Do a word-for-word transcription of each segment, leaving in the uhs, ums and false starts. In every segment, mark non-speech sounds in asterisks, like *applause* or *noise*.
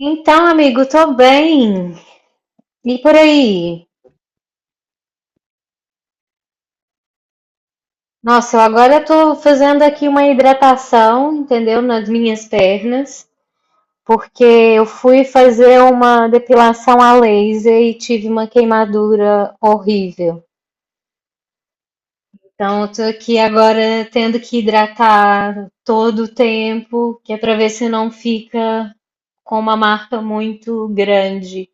Então, amigo, tô bem. E por aí? Nossa, eu agora tô fazendo aqui uma hidratação, entendeu? Nas minhas pernas, porque eu fui fazer uma depilação a laser e tive uma queimadura horrível. Então, eu tô aqui agora tendo que hidratar todo o tempo, que é pra ver se não fica com uma marca muito grande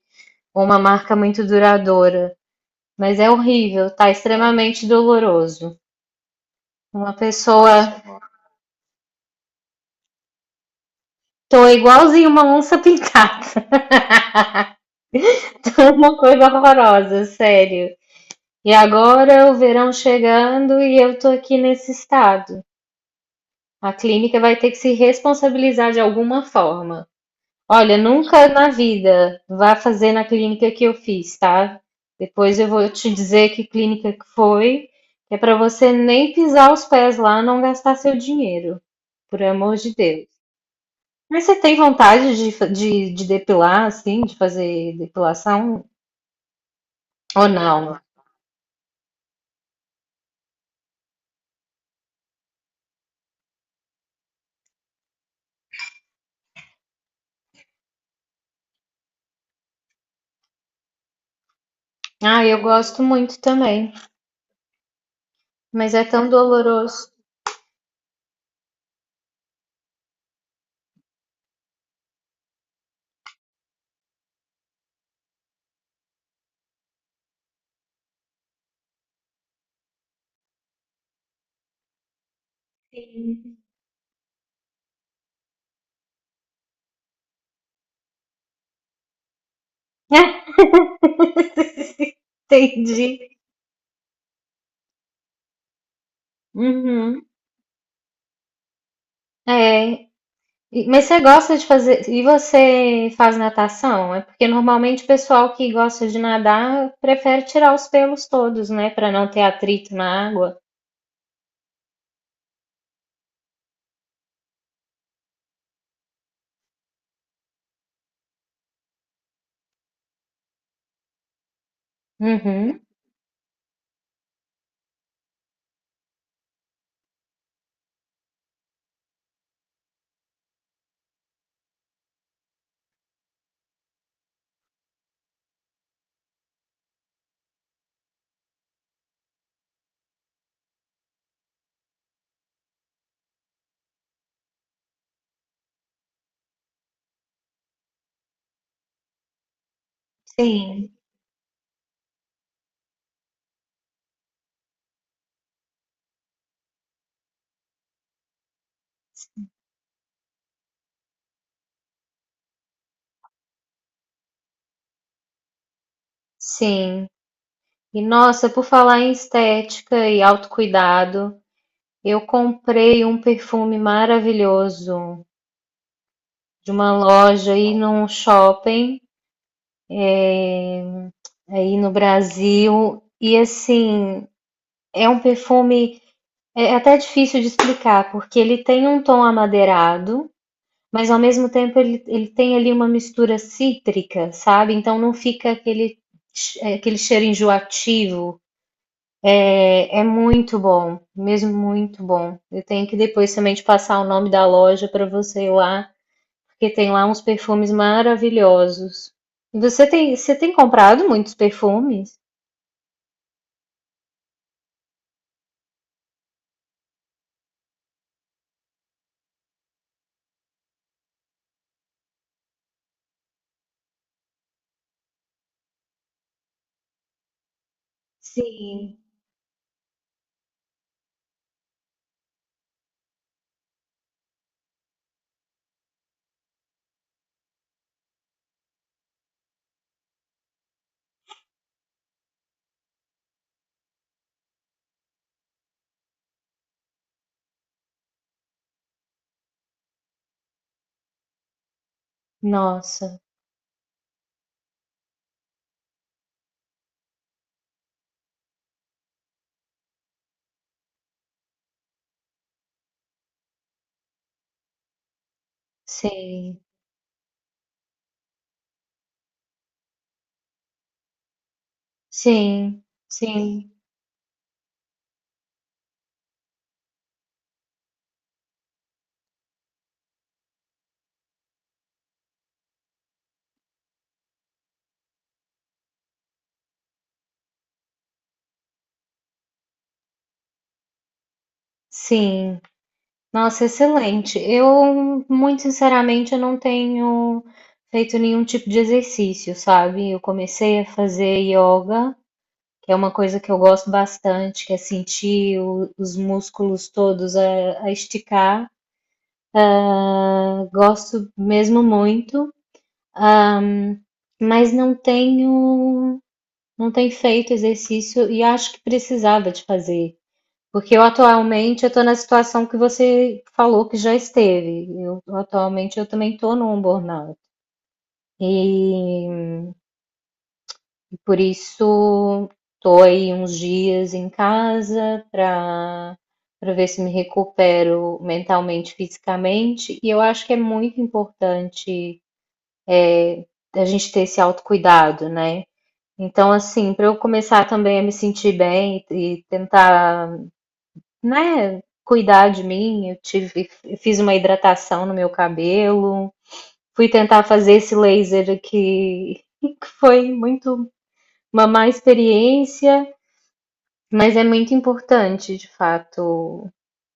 ou uma marca muito duradoura. Mas é horrível, tá extremamente doloroso. Uma pessoa. Tô igualzinho uma onça pintada. *laughs* Tô uma coisa horrorosa, sério. E agora o verão chegando e eu tô aqui nesse estado. A clínica vai ter que se responsabilizar de alguma forma. Olha, nunca na vida vá fazer na clínica que eu fiz, tá? Depois eu vou te dizer que clínica que foi, que é pra você nem pisar os pés lá, não gastar seu dinheiro. Por amor de Deus. Mas você tem vontade de, fa- de, de depilar, assim, de fazer depilação? Ou não? Ah, eu gosto muito também, mas é tão doloroso. Sim. *laughs* Entendi. Uhum. É. E- Mas você gosta de fazer. E você faz natação? É porque normalmente o pessoal que gosta de nadar prefere tirar os pelos todos, né? Pra não ter atrito na água. Uhum. Sim, sim. E nossa, por falar em estética e autocuidado. Eu comprei um perfume maravilhoso de uma loja aí num shopping aí no Brasil e assim é um perfume é até difícil de explicar porque ele tem um tom amadeirado, mas ao mesmo tempo ele, ele tem ali uma mistura cítrica, sabe? Então não fica aquele che- é, aquele cheiro enjoativo. É, é muito bom, mesmo muito bom. Eu tenho que depois também te passar o nome da loja para você ir lá porque tem lá uns perfumes maravilhosos. Você tem, você tem comprado muitos perfumes? Sim. Nossa, sim, sim, sim, sim. Nossa, excelente. Eu, muito sinceramente, eu não tenho feito nenhum tipo de exercício, sabe? Eu comecei a fazer yoga, que é uma coisa que eu gosto bastante, que é sentir o- os músculos todos a, a esticar. Eu gosto mesmo muito. Ahm, mas não tenho, não tenho feito exercício e acho que precisava de fazer, porque eu atualmente eu estou na situação que você falou que já esteve. Eu, atualmente eu também estou num burnout e por isso estou aí uns dias em casa para para ver se me recupero mentalmente, fisicamente. E eu acho que é muito importante é, a gente ter esse autocuidado, né? Então, assim, para eu começar também a me sentir bem e e tentar, né, cuidar de mim, eu tive, fiz uma hidratação no meu cabelo, fui tentar fazer esse laser aqui, *laughs* que foi muito uma má experiência, mas é muito importante, de fato,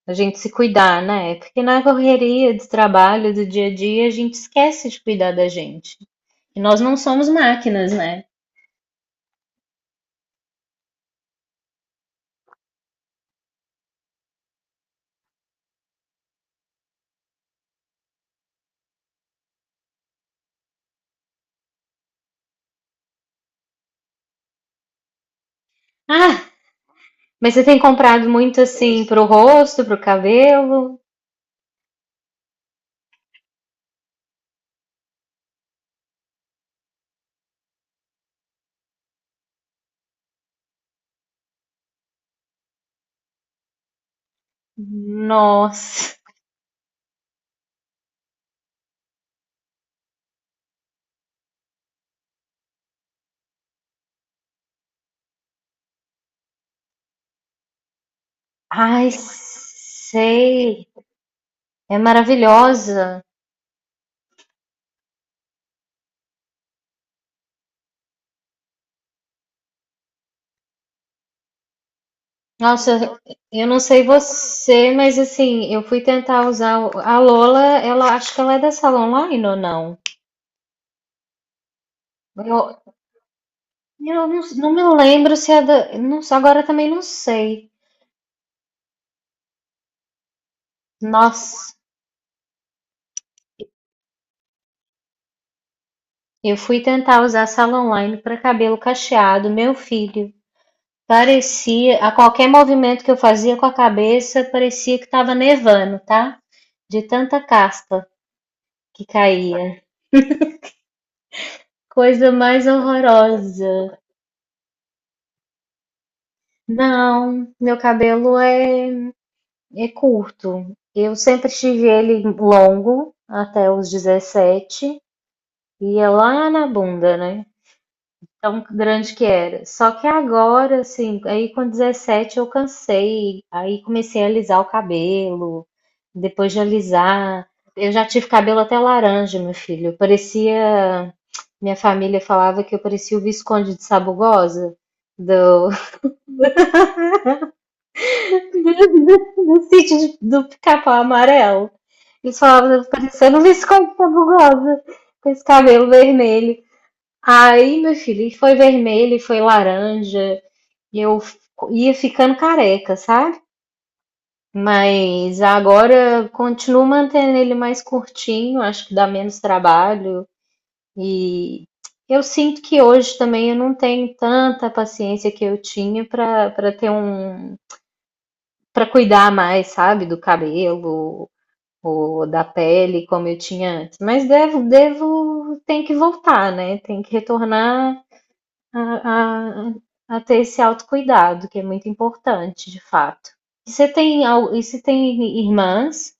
a gente se cuidar, né? Porque na correria de trabalho, do dia a dia, a gente esquece de cuidar da gente. E nós não somos máquinas, né? Ah. Mas você tem comprado muito assim pro rosto, pro cabelo? Nossa. Ai, sei. É maravilhosa. Nossa, eu não sei você, mas assim, eu fui tentar usar o- a Lola, ela acho que ela é da Salon Online ou não? Eu, eu não, não me lembro se é da, não, agora também não sei. Nossa, eu fui tentar usar a Salon Online para cabelo cacheado, meu filho. Parecia, a qualquer movimento que eu fazia com a cabeça, parecia que estava nevando, tá? De tanta caspa que caía. Coisa mais horrorosa. Não, meu cabelo é, é curto. Eu sempre tive ele longo até os dezessete e é lá na bunda, né? Tão grande que era. Só que agora, assim, aí com dezessete eu cansei, aí comecei a alisar o cabelo, depois de alisar, eu já tive cabelo até laranja, meu filho. Eu parecia, minha família falava que eu parecia o Visconde de Sabugosa, do, *laughs* do sítio de- do Pica-Pau Amarelo. Eles falavam, eu parecendo o Visconde de Sabugosa, com esse cabelo vermelho. Aí, meu filho, e foi vermelho, e foi laranja, E eu f- ia ficando careca, sabe? Mas agora continuo mantendo ele mais curtinho, acho que dá menos trabalho. E eu sinto que hoje também eu não tenho tanta paciência que eu tinha para para ter um para cuidar mais, sabe, do cabelo ou da pele como eu tinha antes. Mas devo devo tem que voltar, né? Tem que retornar a, a- a ter esse autocuidado, que é muito importante, de fato. E você tem, al- e você tem irmãs?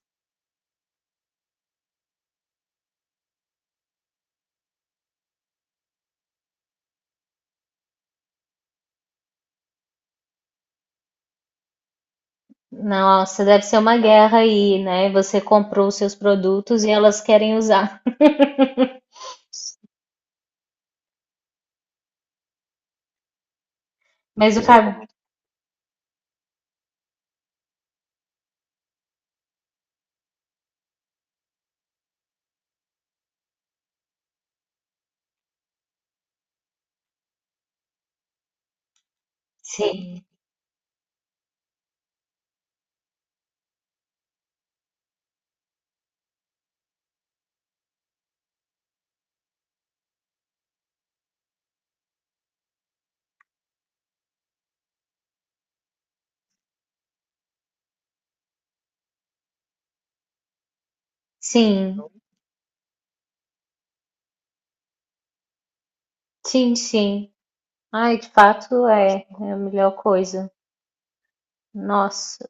Nossa, deve ser uma guerra aí, né? Você comprou os seus produtos e elas querem usar. Mas o cabelo. Sim, sim, sim, sim. Ai, de fato é, é a melhor coisa. Nossa.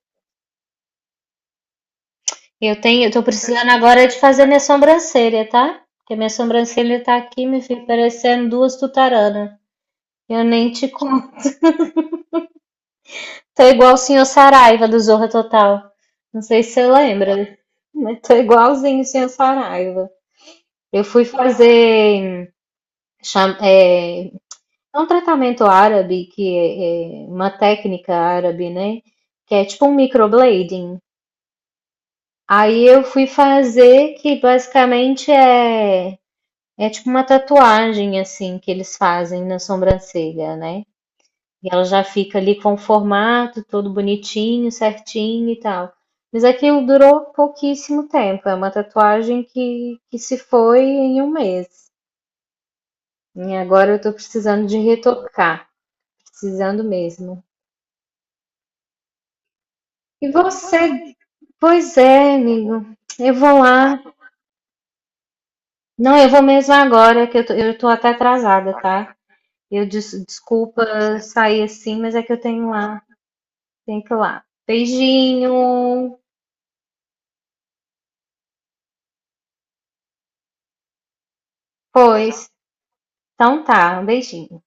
Eu tenho, eu tô precisando agora de fazer minha sobrancelha, tá? Porque minha sobrancelha tá aqui, me fica parecendo duas tutaranas. Eu nem te conto. Tô igual o senhor Saraiva do Zorra Total. Não sei se você lembra, né? Mas tô igualzinho o senhor Saraiva. Eu fui fazer cham- é, um tratamento árabe, que é, é uma técnica árabe, né? Que é tipo um microblading. Aí eu fui fazer, que basicamente é, é tipo uma tatuagem, assim, que eles fazem na sobrancelha, né? E ela já fica ali com o formato todo bonitinho, certinho e tal. Mas aquilo durou pouquíssimo tempo. É uma tatuagem que, que se foi em um mês. E agora eu tô precisando de retocar. Precisando mesmo. E você? Pois é, amigo. Eu vou lá. Não, eu vou mesmo agora, que eu tô, eu tô até atrasada, tá? Eu des- desculpa sair assim, mas é que eu tenho lá. Tenho que ir lá. Beijinho. Pois. Então tá, um beijinho.